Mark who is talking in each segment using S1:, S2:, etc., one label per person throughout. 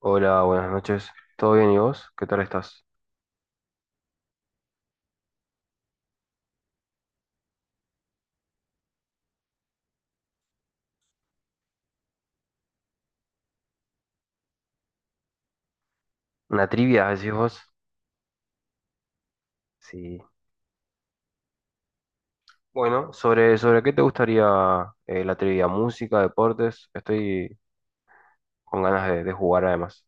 S1: Hola, buenas noches. ¿Todo bien y vos? ¿Qué tal estás? ¿Una trivia, decís vos? Sí. Bueno, ¿sobre qué te gustaría la trivia? ¿Música, deportes? Estoy con ganas de jugar además.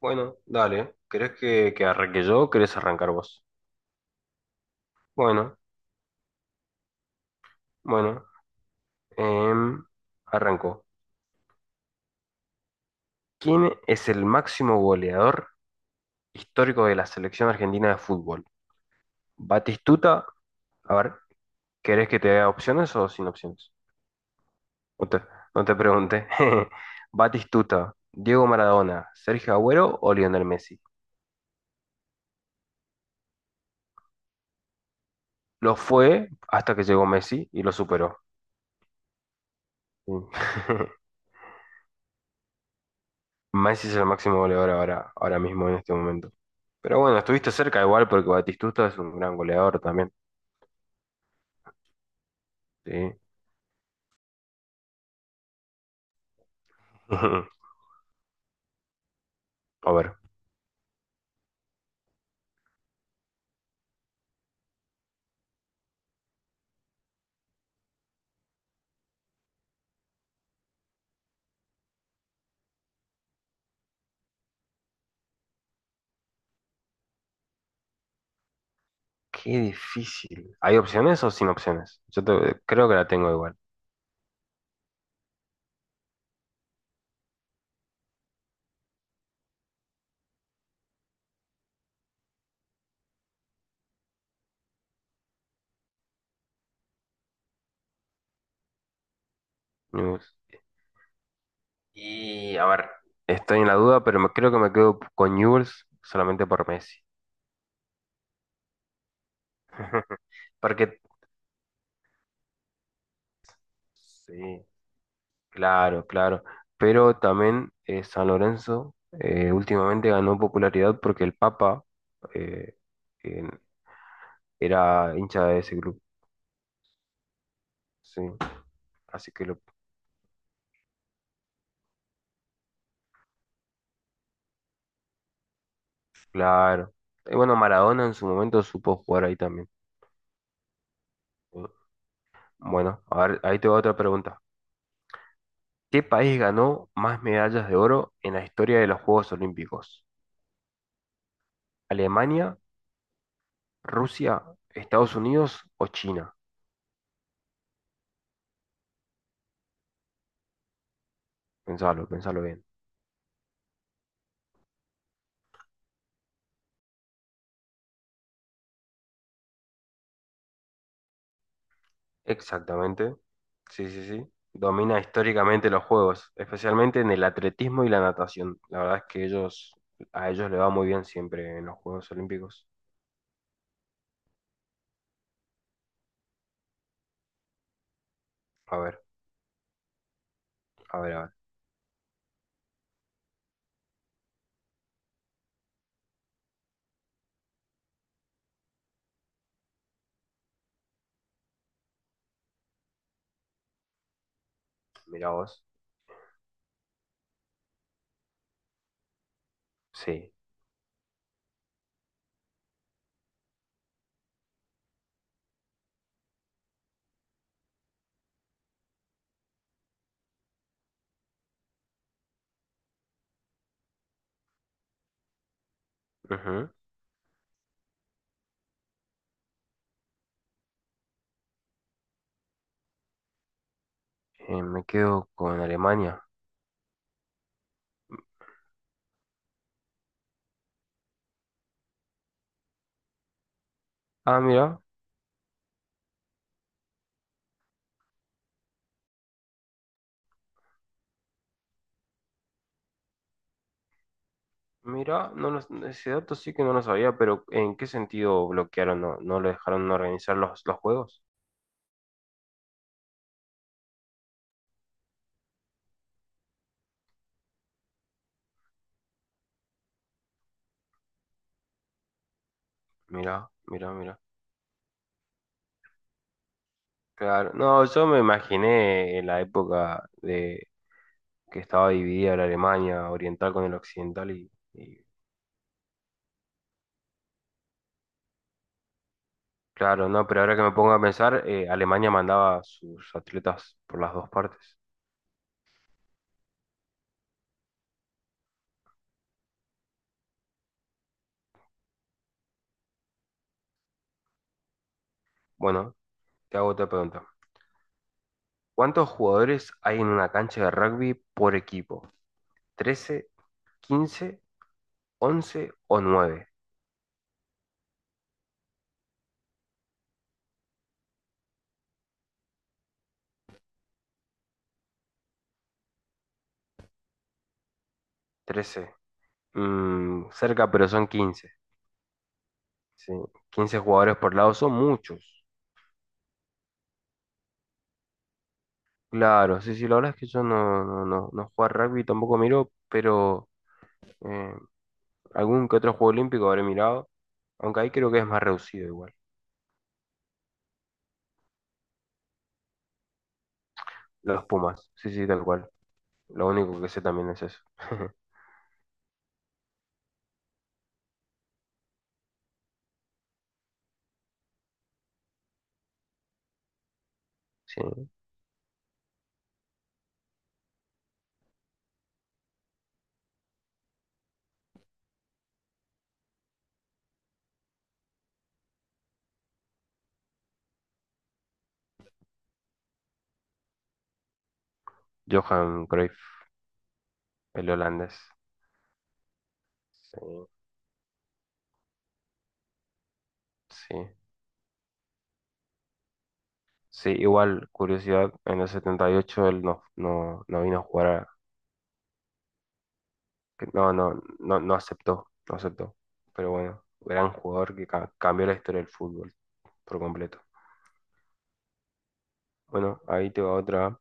S1: Bueno, dale. ¿Querés que arranque yo o querés arrancar vos? Bueno, bueno. em, arranco. ¿Quién es el máximo goleador histórico de la selección argentina de fútbol? ¿Batistuta? A ver, ¿querés que te dé opciones o sin opciones? No te, no te pregunté. Batistuta, Diego Maradona, Sergio Agüero o Lionel Messi. Lo fue hasta que llegó Messi y lo superó. Sí. Messi es el máximo goleador ahora mismo en este momento. Pero bueno, estuviste cerca igual porque Batistuta es un gran goleador también. Sí. A ver, qué difícil. ¿Hay opciones o sin opciones? Yo creo que la tengo igual. Newell's. Y a ver, estoy en la duda, pero creo que me quedo con Newell's solamente por Messi. Porque, sí, claro, claro. Pero también San Lorenzo últimamente ganó popularidad porque el Papa eh, en- era hincha de ese club. Sí, así que lo, claro. Y bueno, Maradona en su momento supo jugar ahí también. Sí. Bueno, a ver, ahí te va otra pregunta. ¿Qué país ganó más medallas de oro en la historia de los Juegos Olímpicos? ¿Alemania, Rusia, Estados Unidos o China? Pensalo, pensalo. Exactamente. Sí, sí, sí. Domina históricamente los juegos, especialmente en el atletismo y la natación. La verdad es que a ellos le va muy bien siempre en los Juegos Olímpicos. A ver, a ver, a ver. Mira vos. Sí. Ujú. Me quedo con Alemania. Ah, mira, mira, no lo- ese dato sí que no lo sabía, pero ¿en qué sentido bloquearon? ¿No, no lo dejaron no organizar los juegos? Mira, mira, mira. Claro, no, yo me imaginé en la época que estaba dividida la Alemania oriental con el occidental y claro, no, pero ahora que me pongo a pensar, Alemania mandaba a sus atletas por las dos partes. Bueno, te hago otra pregunta. ¿Cuántos jugadores hay en una cancha de rugby por equipo? 13, 15, 11 o nueve. 13. Cerca, pero son 15. Sí, 15 jugadores por lado son muchos. Claro, sí, sí, la verdad es que yo no juego a rugby, tampoco miro, pero eh, algún que otro juego olímpico habré mirado, aunque ahí creo que es más reducido igual. Los Pumas, sí, sí, tal cual. Lo único que sé también es eso. Sí, Johan Cruyff, el holandés. Sí, sí. Sí, igual, curiosidad, en el 78 él no vino a jugar, que no aceptó, no aceptó. Pero bueno, gran jugador que cambió la historia del fútbol por completo. Bueno, ahí te va otra.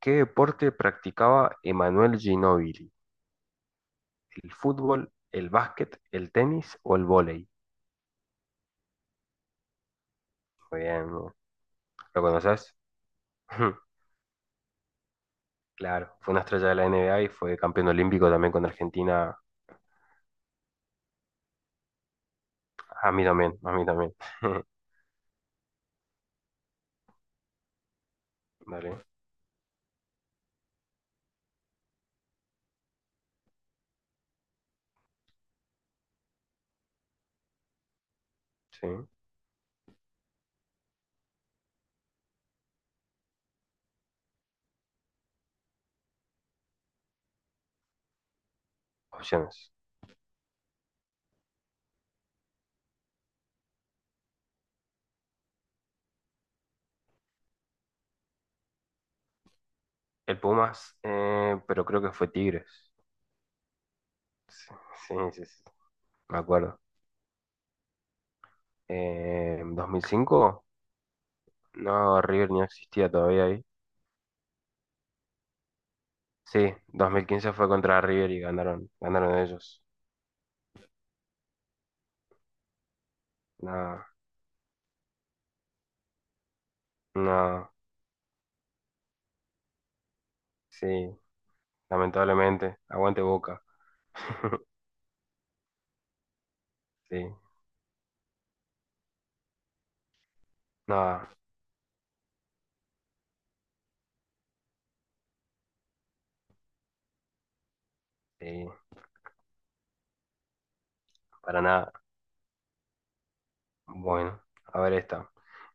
S1: ¿Qué deporte practicaba Emanuel Ginóbili? El fútbol, el básquet, el tenis o el vóley. Muy bien, ¿no? ¿Lo conoces? Claro, fue una estrella de la NBA y fue campeón olímpico también con Argentina. A mí también, a mí también. Dale, sí. Opciones. El Pumas, pero creo que fue Tigres. Sí, sí, sí, sí, me acuerdo. ¿2005? No, River no existía todavía ahí. Sí, 2015 fue contra River y ganaron, ganaron ellos. No, no, sí, lamentablemente. Aguante Boca. Sí, nada, sí, para nada. Bueno, a ver esta.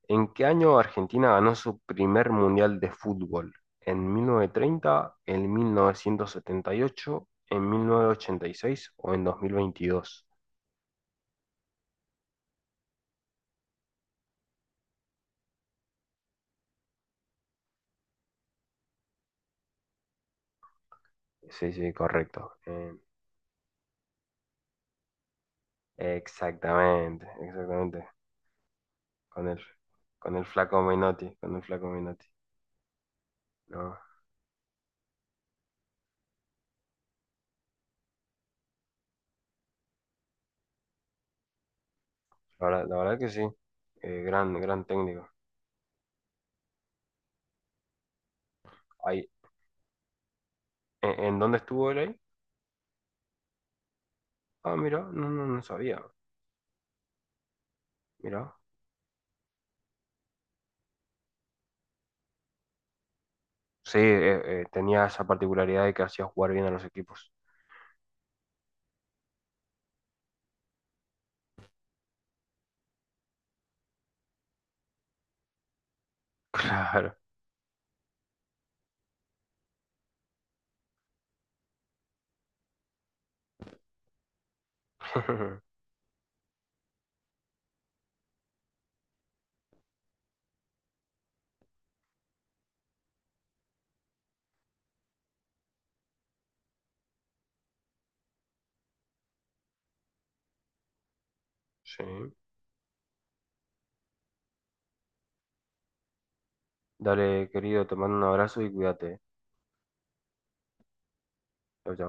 S1: ¿En qué año Argentina ganó su primer mundial de fútbol? ¿En 1930, en 1978, en 1986 o en 2022? Sí, sí, correcto. Exactamente, exactamente. Con el, con el flaco Menotti, con el flaco Menotti. No, la verdad que sí. Gran, gran técnico. Ahí. ¿En dónde estuvo él ahí? Ah, mira, no sabía. Mira. Sí, tenía esa particularidad de que hacía jugar bien a los equipos. Claro. Sí. Dale, querido, te mando un abrazo y cuídate. Chau, chau.